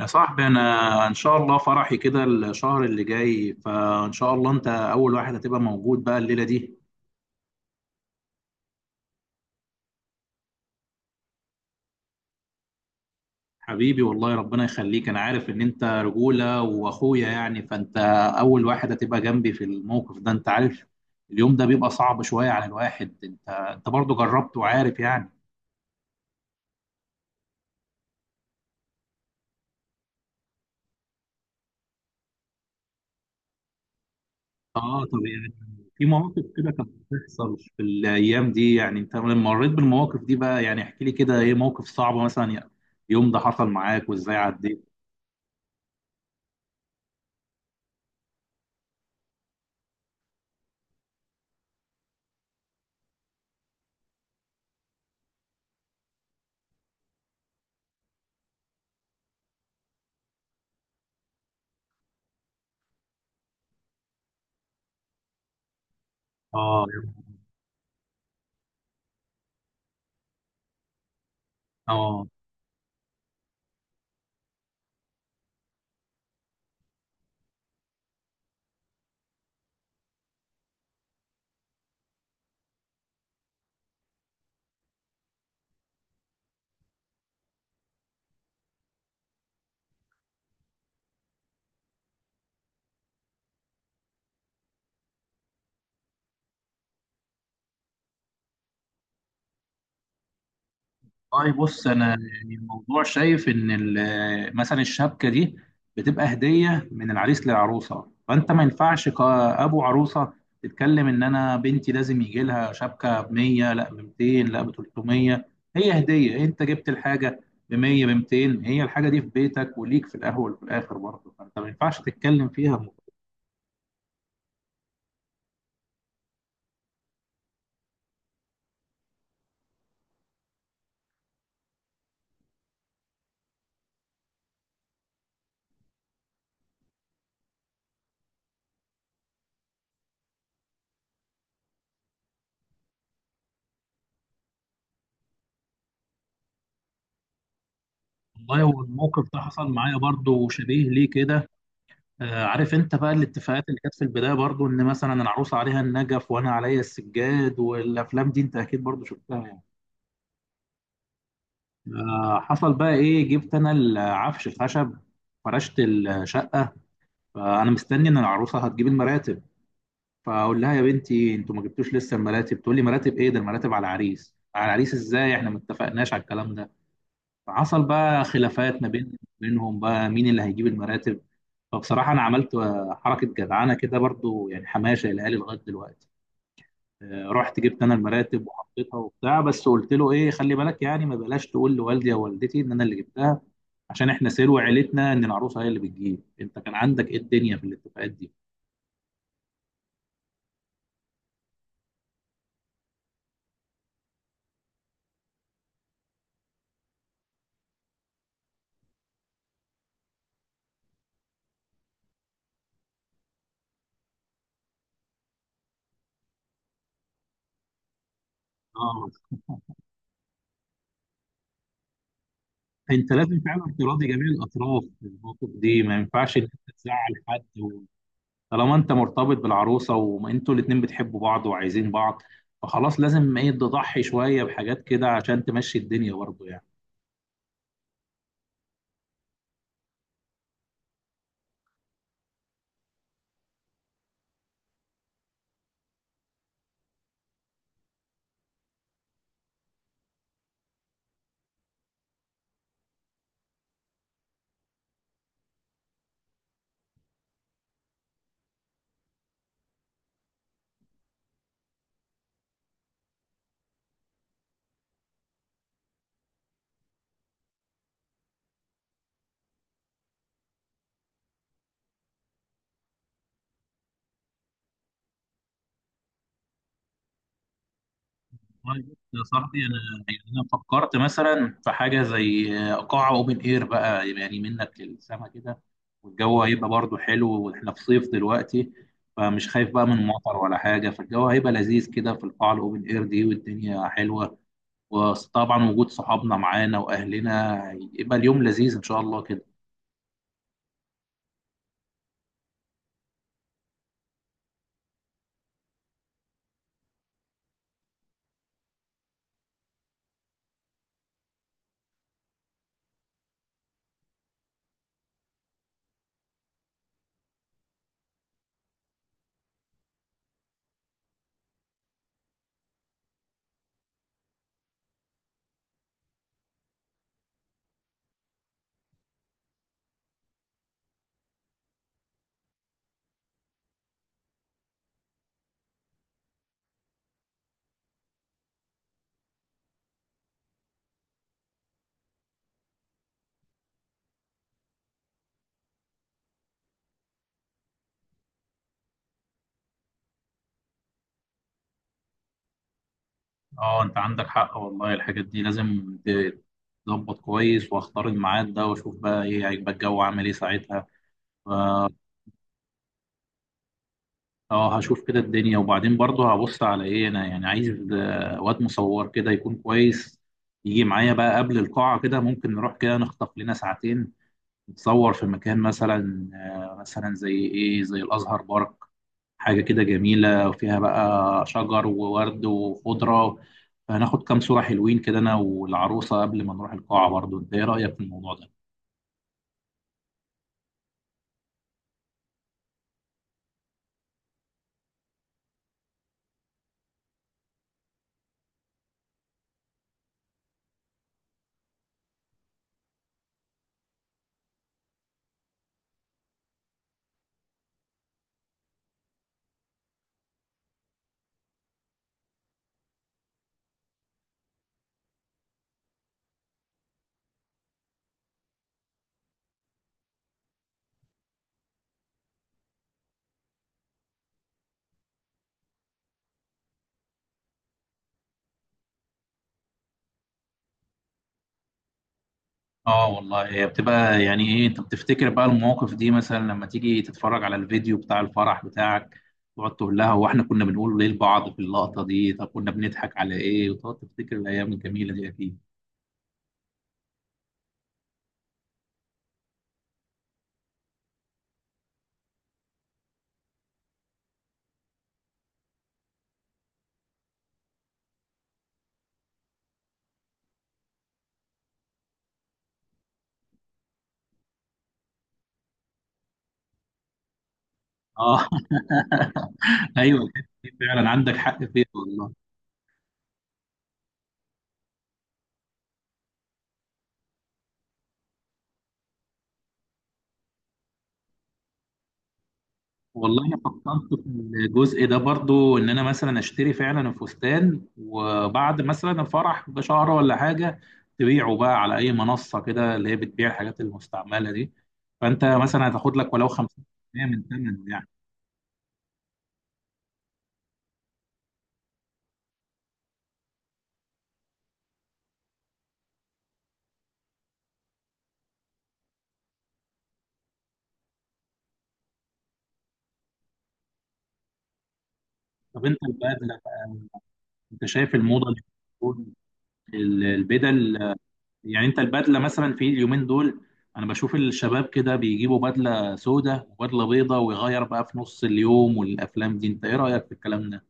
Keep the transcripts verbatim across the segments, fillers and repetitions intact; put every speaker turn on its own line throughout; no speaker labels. يا صاحبي، انا ان شاء الله فرحي كده الشهر اللي جاي، فان شاء الله انت اول واحد هتبقى موجود بقى الليله دي. حبيبي، والله ربنا يخليك. انا عارف ان انت رجوله واخويا يعني، فانت اول واحد هتبقى جنبي في الموقف ده، انت عارف. اليوم ده بيبقى صعب شويه على الواحد. انت انت برضه جربت وعارف يعني. اه، طب يعني في مواقف كده كانت بتحصل في الايام دي، يعني انت لما مريت بالمواقف دي بقى، يعني احكي لي كده ايه موقف صعب مثلا يعني، اليوم ده حصل معاك وازاي عديت؟ اه، اه، طيب بص، انا يعني الموضوع شايف ان ال- مثلا الشبكه دي بتبقى هديه من العريس للعروسه، فانت ما ينفعش كابو عروسه تتكلم ان انا بنتي لازم يجي لها شبكه ب مية، لا ب ميتين، لا ب تلت ميه. هي هديه، انت جبت الحاجه ب مية ب ميتين، هي الحاجه دي في بيتك وليك في الاول وفي الاخر برضه، فانت ما ينفعش تتكلم فيها. والله، والموقف ده حصل معايا برضه شبيه ليه كده. آه، عارف انت بقى الاتفاقات اللي كانت في البداية برضو ان مثلا العروسة عليها النجف وانا عليا السجاد والافلام دي، انت اكيد برضو شفتها يعني. آه، حصل بقى ايه، جبت انا العفش خشب، فرشت الشقة، فانا مستني ان العروسة هتجيب المراتب. فاقول لها يا بنتي انتوا ما جبتوش لسه المراتب؟ تقول لي مراتب ايه؟ ده المراتب على العريس، على العريس ازاي؟ احنا ما اتفقناش على الكلام ده. فحصل بقى خلافات ما بين بينهم بقى مين اللي هيجيب المراتب. فبصراحة أنا عملت حركة جدعانة كده برضو، يعني حماية شايلها لي لغاية دلوقتي. آه، رحت جبت أنا المراتب وحطيتها وبتاع، بس قلت له إيه، خلي بالك يعني ما بلاش تقول لوالدي أو والدتي إن أنا اللي جبتها، عشان إحنا سلو عيلتنا إن العروسة هي اللي بتجيب. أنت كان عندك إيه الدنيا في الاتفاقات دي؟ آه، أنت لازم فعلا تراضي جميع الأطراف في الموقف دي، ما ينفعش إن أنت تزعل حد. طالما انت مرتبط بالعروسه وانتوا الاتنين بتحبوا بعض وعايزين بعض، فخلاص لازم ايه تضحي شويه بحاجات كده عشان تمشي الدنيا برضه يعني. والله بص يا صاحبي، انا يعني انا فكرت مثلا في حاجه زي قاعه اوبن اير بقى، يعني منك للسما كده، والجو هيبقى برضه حلو واحنا في صيف دلوقتي، فمش خايف بقى من مطر ولا حاجه، فالجو هيبقى لذيذ كده في القاعه الاوبن اير دي والدنيا حلوه. وطبعا وجود صحابنا معانا واهلنا يبقى اليوم لذيذ ان شاء الله كده. اه، انت عندك حق والله. الحاجات دي لازم ت- تظبط كويس، واختار الميعاد ده واشوف بقى ايه هيبقى الجو عامل ايه ساعتها. ف- اه، هشوف كده الدنيا، وبعدين برضه هبص على ايه، انا يعني عايز آه، واد مصور كده يكون كويس، يجي معايا بقى قبل القاعة، كده ممكن نروح كده نخطف لنا ساعتين نتصور في مكان مثلا آه، مثلا زي ايه زي الازهر بارك. حاجة كده جميلة وفيها بقى شجر وورد وخضرة، فهناخد كام صورة حلوين كده أنا والعروسة قبل ما نروح القاعة. برضو أنت إيه رأيك في الموضوع ده؟ آه والله، هي بتبقى يعني إيه. أنت بتفتكر بقى المواقف دي مثلا لما تيجي تتفرج على الفيديو بتاع الفرح بتاعك، تقعد تقول لها هو إحنا كنا بنقول إيه لبعض في اللقطة دي؟ طب كنا بنضحك على إيه؟ وتقعد تفتكر الأيام الجميلة دي أكيد. آه. أيوه، الحتة دي فعلا عندك حق فيها والله. والله انا فكرت في الجزء ده برضو، ان انا مثلا اشتري فعلا الفستان وبعد مثلا الفرح بشهر ولا حاجه تبيعه بقى على اي منصه كده اللي هي بتبيع الحاجات المستعمله دي، فانت مثلا هتاخد لك ولو خمسين في المية من ثمنه يعني. طب انت البدله، انت شايف الموضه دي بتكون ال- البدل، يعني انت البدله مثلا في اليومين دول انا بشوف الشباب كده بيجيبوا بدله سوداء وبدله بيضاء ويغير بقى في نص اليوم والافلام دي، انت ايه رايك في الكلام ده؟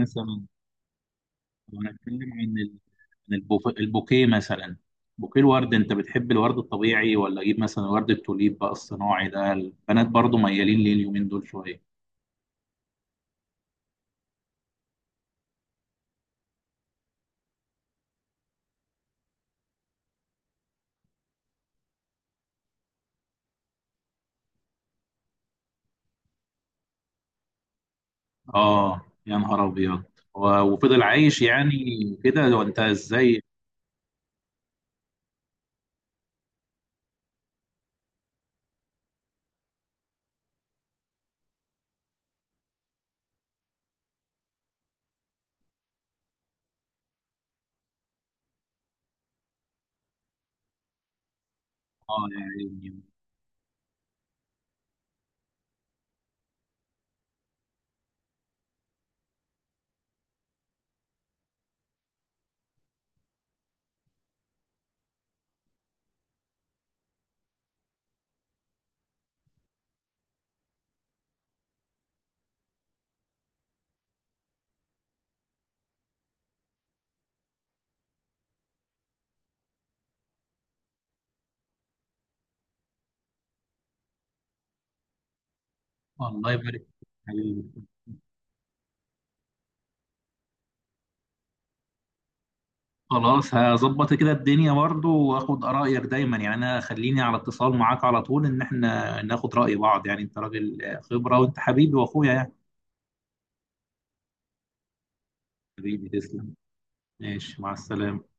مثلا لو هنتكلم عن ال- عن البوف- البوكيه مثلا، بوكيه الورد، انت بتحب الورد الطبيعي ولا اجيب مثلا ورد التوليب بقى الصناعي ده، البنات برضو ميالين ليه اليومين دول شويه؟ اه، يا نهار ابيض. و- وفضل عايش يعني كده. وانت ازاي؟ اه يعني. الله يبارك فيك حبيبي. خلاص، هظبط كده الدنيا برضو، واخد ارائك دايما يعني. انا خليني على اتصال معاك على طول، ان احنا ناخد راي بعض يعني، انت راجل خبره وانت حبيبي واخويا يعني. حبيبي تسلم، ماشي مع السلامه.